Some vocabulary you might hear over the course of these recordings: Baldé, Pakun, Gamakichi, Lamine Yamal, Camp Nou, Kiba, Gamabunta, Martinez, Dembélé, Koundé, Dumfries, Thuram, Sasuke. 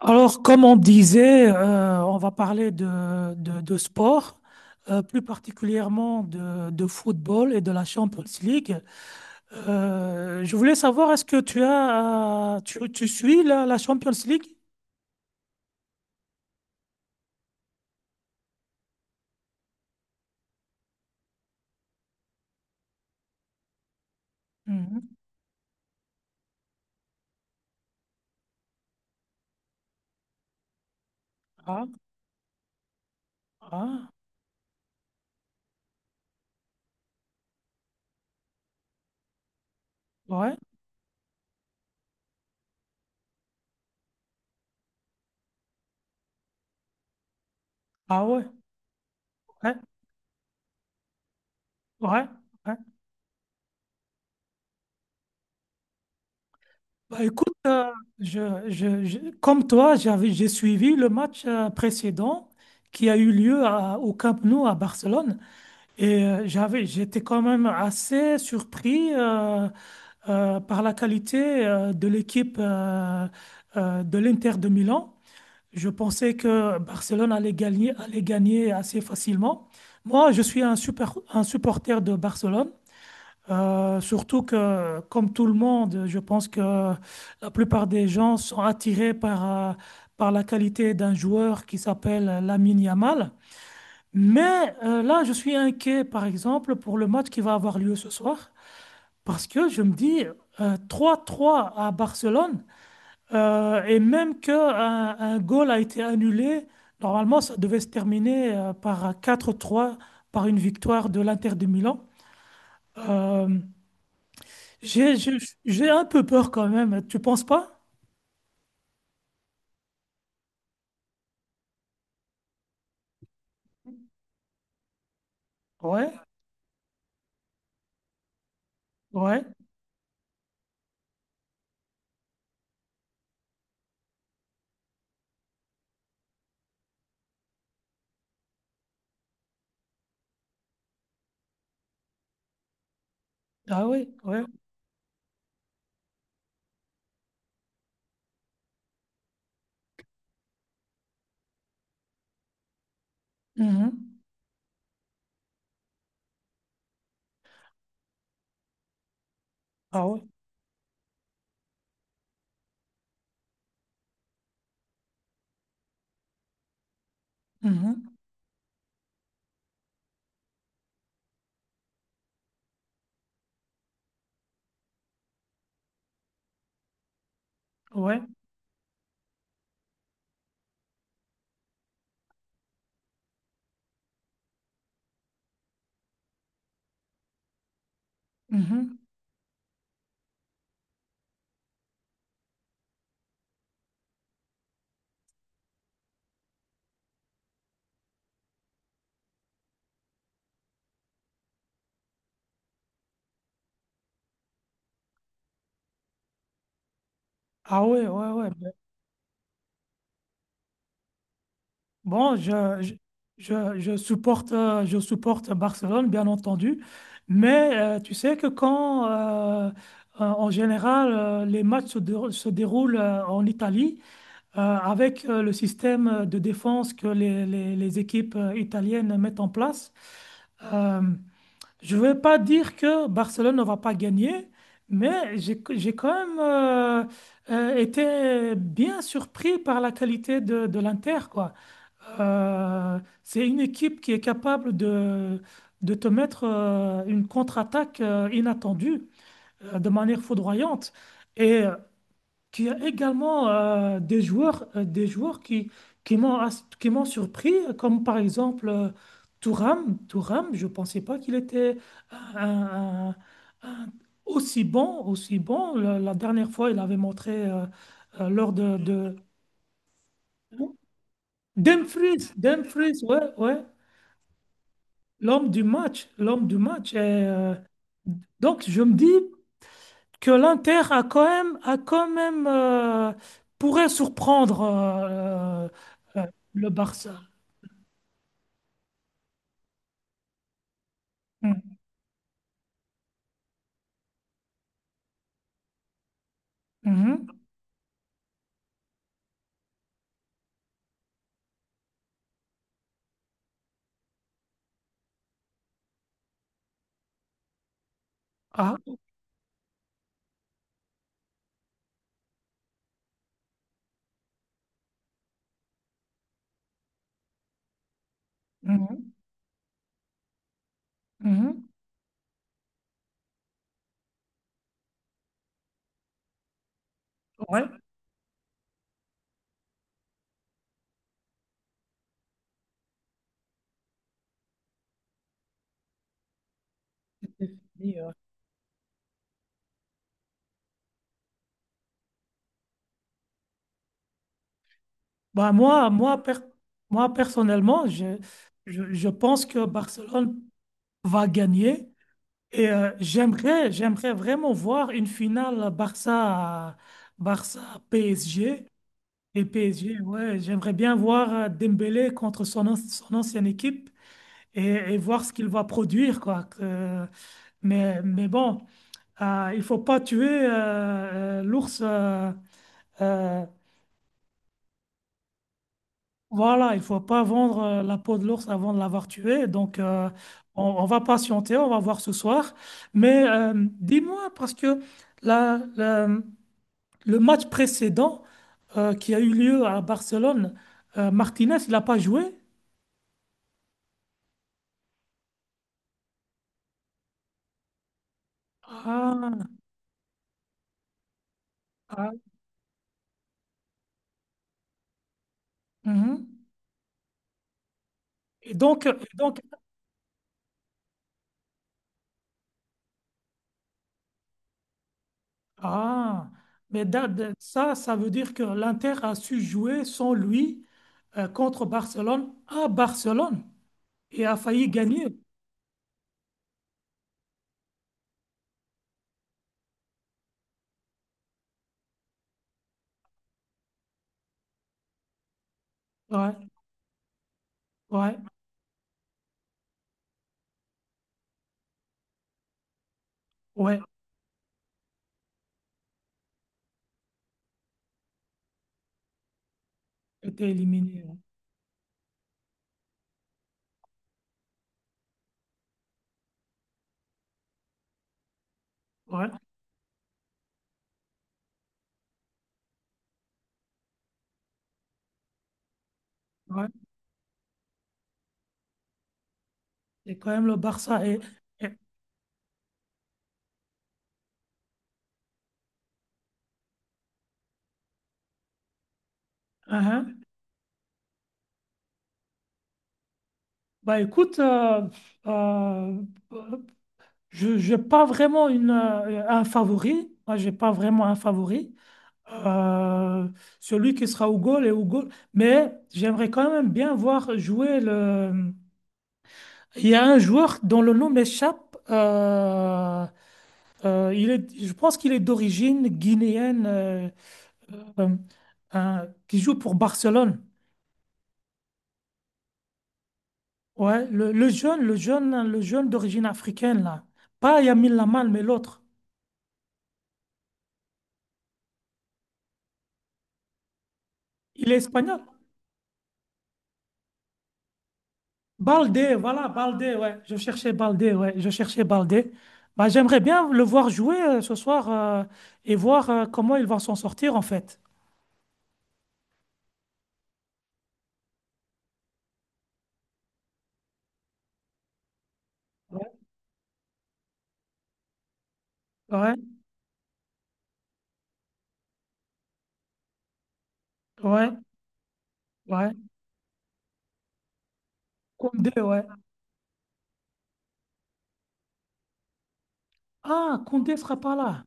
Alors, comme on disait, on va parler de sport, plus particulièrement de football et de la Champions League. Je voulais savoir, est-ce que tu as, tu suis la Champions League? Mhm. Ah, ah, ouais, ah ouais, ouais, ouais. Ouais. Bah, écoute, comme toi, j'ai suivi le match précédent qui a eu lieu au Camp Nou à Barcelone. Et j'étais quand même assez surpris par la qualité de l'équipe de l'Inter de Milan. Je pensais que Barcelone allait gagner assez facilement. Moi, je suis un supporter de Barcelone. Surtout que, comme tout le monde, je pense que la plupart des gens sont attirés euh, par la qualité d'un joueur qui s'appelle Lamine Yamal. Mais là, je suis inquiet, par exemple, pour le match qui va avoir lieu ce soir, parce que je me dis 3-3 à Barcelone, et même que un goal a été annulé, normalement, ça devait se terminer par 4-3, par une victoire de l'Inter de Milan. Euh, j'ai, j'ai j'ai un peu peur quand même, tu penses pas? Ouais, ouais, ah oui, ouais. Mhm. Ah ouais, mhm. Ouais, mhm. Ah ouais, ouais, ouais. Bon, je supporte Barcelone, bien entendu, mais tu sais que en général, les se déroulent en Italie, avec le système de défense que les équipes italiennes mettent en place, euh, je ne vais pas dire que Barcelone ne va pas gagner, mais j'ai quand même été bien surpris par la qualité de l'Inter, quoi. C'est une équipe qui est capable de te mettre une contre-attaque inattendue de manière foudroyante et qui a également des joueurs qui m'ont surpris, comme par exemple Thuram. Thuram, je ne pensais pas qu'il était un- un- un- aussi bon, aussi bon. La dernière fois, il avait montré lors de. Dumfries, Dumfries, ouais, ouais. L'homme du match, l'homme du match. Et, donc, je me dis que l'Inter a quand même pourrait surprendre euh, le Barça. Mm. Mhm. Ah, mhm. Mhm. Ouais. Et, euh, Bah moi, moi, per- moi personnellement, je pense que Barcelone va gagner et j'aimerais vraiment voir une finale Barça, Barça PSG. Et PSG, ouais, j'aimerais bien voir Dembélé contre son ancienne équipe et, et voir ce qu'il va produire, quoi. Mais bon, il faut pas tuer l'ours. Euh, voilà, il faut pas vendre la peau de l'ours avant de l'avoir tué. Donc, on va patienter, on va voir ce soir. Mais dis-moi, parce que la, la- le match précédent qui a eu lieu à Barcelone, Martinez, il n'a pas joué? Ah. Ah, mhm. Et donc, ah, mais ça, ça veut dire que l'Inter a su jouer sans lui contre Barcelone à Barcelone et a failli gagner. Ouais, ouais, ouais, était éliminé. Ouais, ouais, ouais. C'est quand même le Barça. Et- hein. Bah écoute, euh, je n'ai pas vraiment un favori. Moi, j'ai pas vraiment un favori. euh, Celui qui sera au goal et au goal. Mais j'aimerais quand même bien voir jouer le. Il y a un joueur dont le nom m'échappe. Il est, je pense qu'il est d'origine guinéenne, euh, qui joue pour Barcelone. Ouais, le jeune d'origine africaine là. Pas Lamine Lamal, mais l'autre. Il est espagnol. Baldé, voilà, Baldé, ouais. Je cherchais Baldé, ouais. Je cherchais Baldé. Bah, j'aimerais bien le voir jouer ce soir et voir comment ils vont s'en sortir, en fait. Ouais, ouais, ouais. Ouais. Koundé, ouais. Ah, Koundé sera pas là.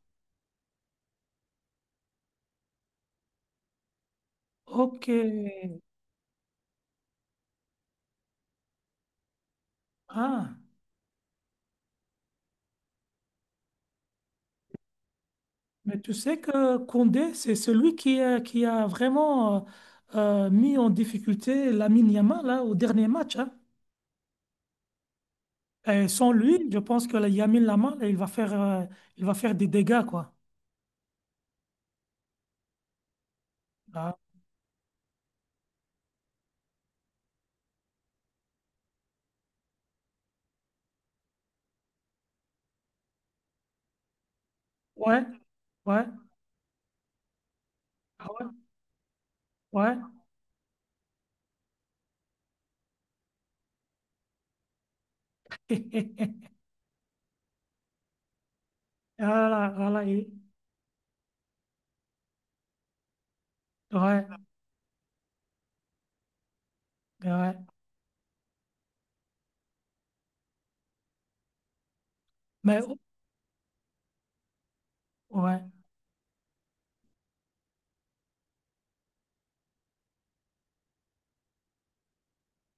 Ok. Ah, mais tu sais que Koundé, c'est celui qui a vraiment mis en difficulté Lamine Yamal là, au dernier match. Hein. Et sans lui, je pense que la Lamine Yamal, il va faire des dégâts, quoi. Ah, ouais. Ouais, ah ouais, ouais. Ah là, ah là, ouais, ben ouais. Mais ouais,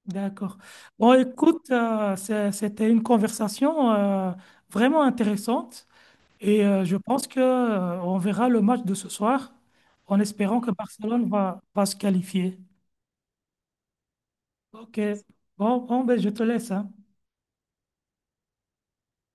d'accord. Bon, écoute, c'était une conversation vraiment intéressante et je pense que on verra le match de ce soir en espérant que Barcelone va se qualifier. Ok. Bon, bon, ben, je te laisse, hein.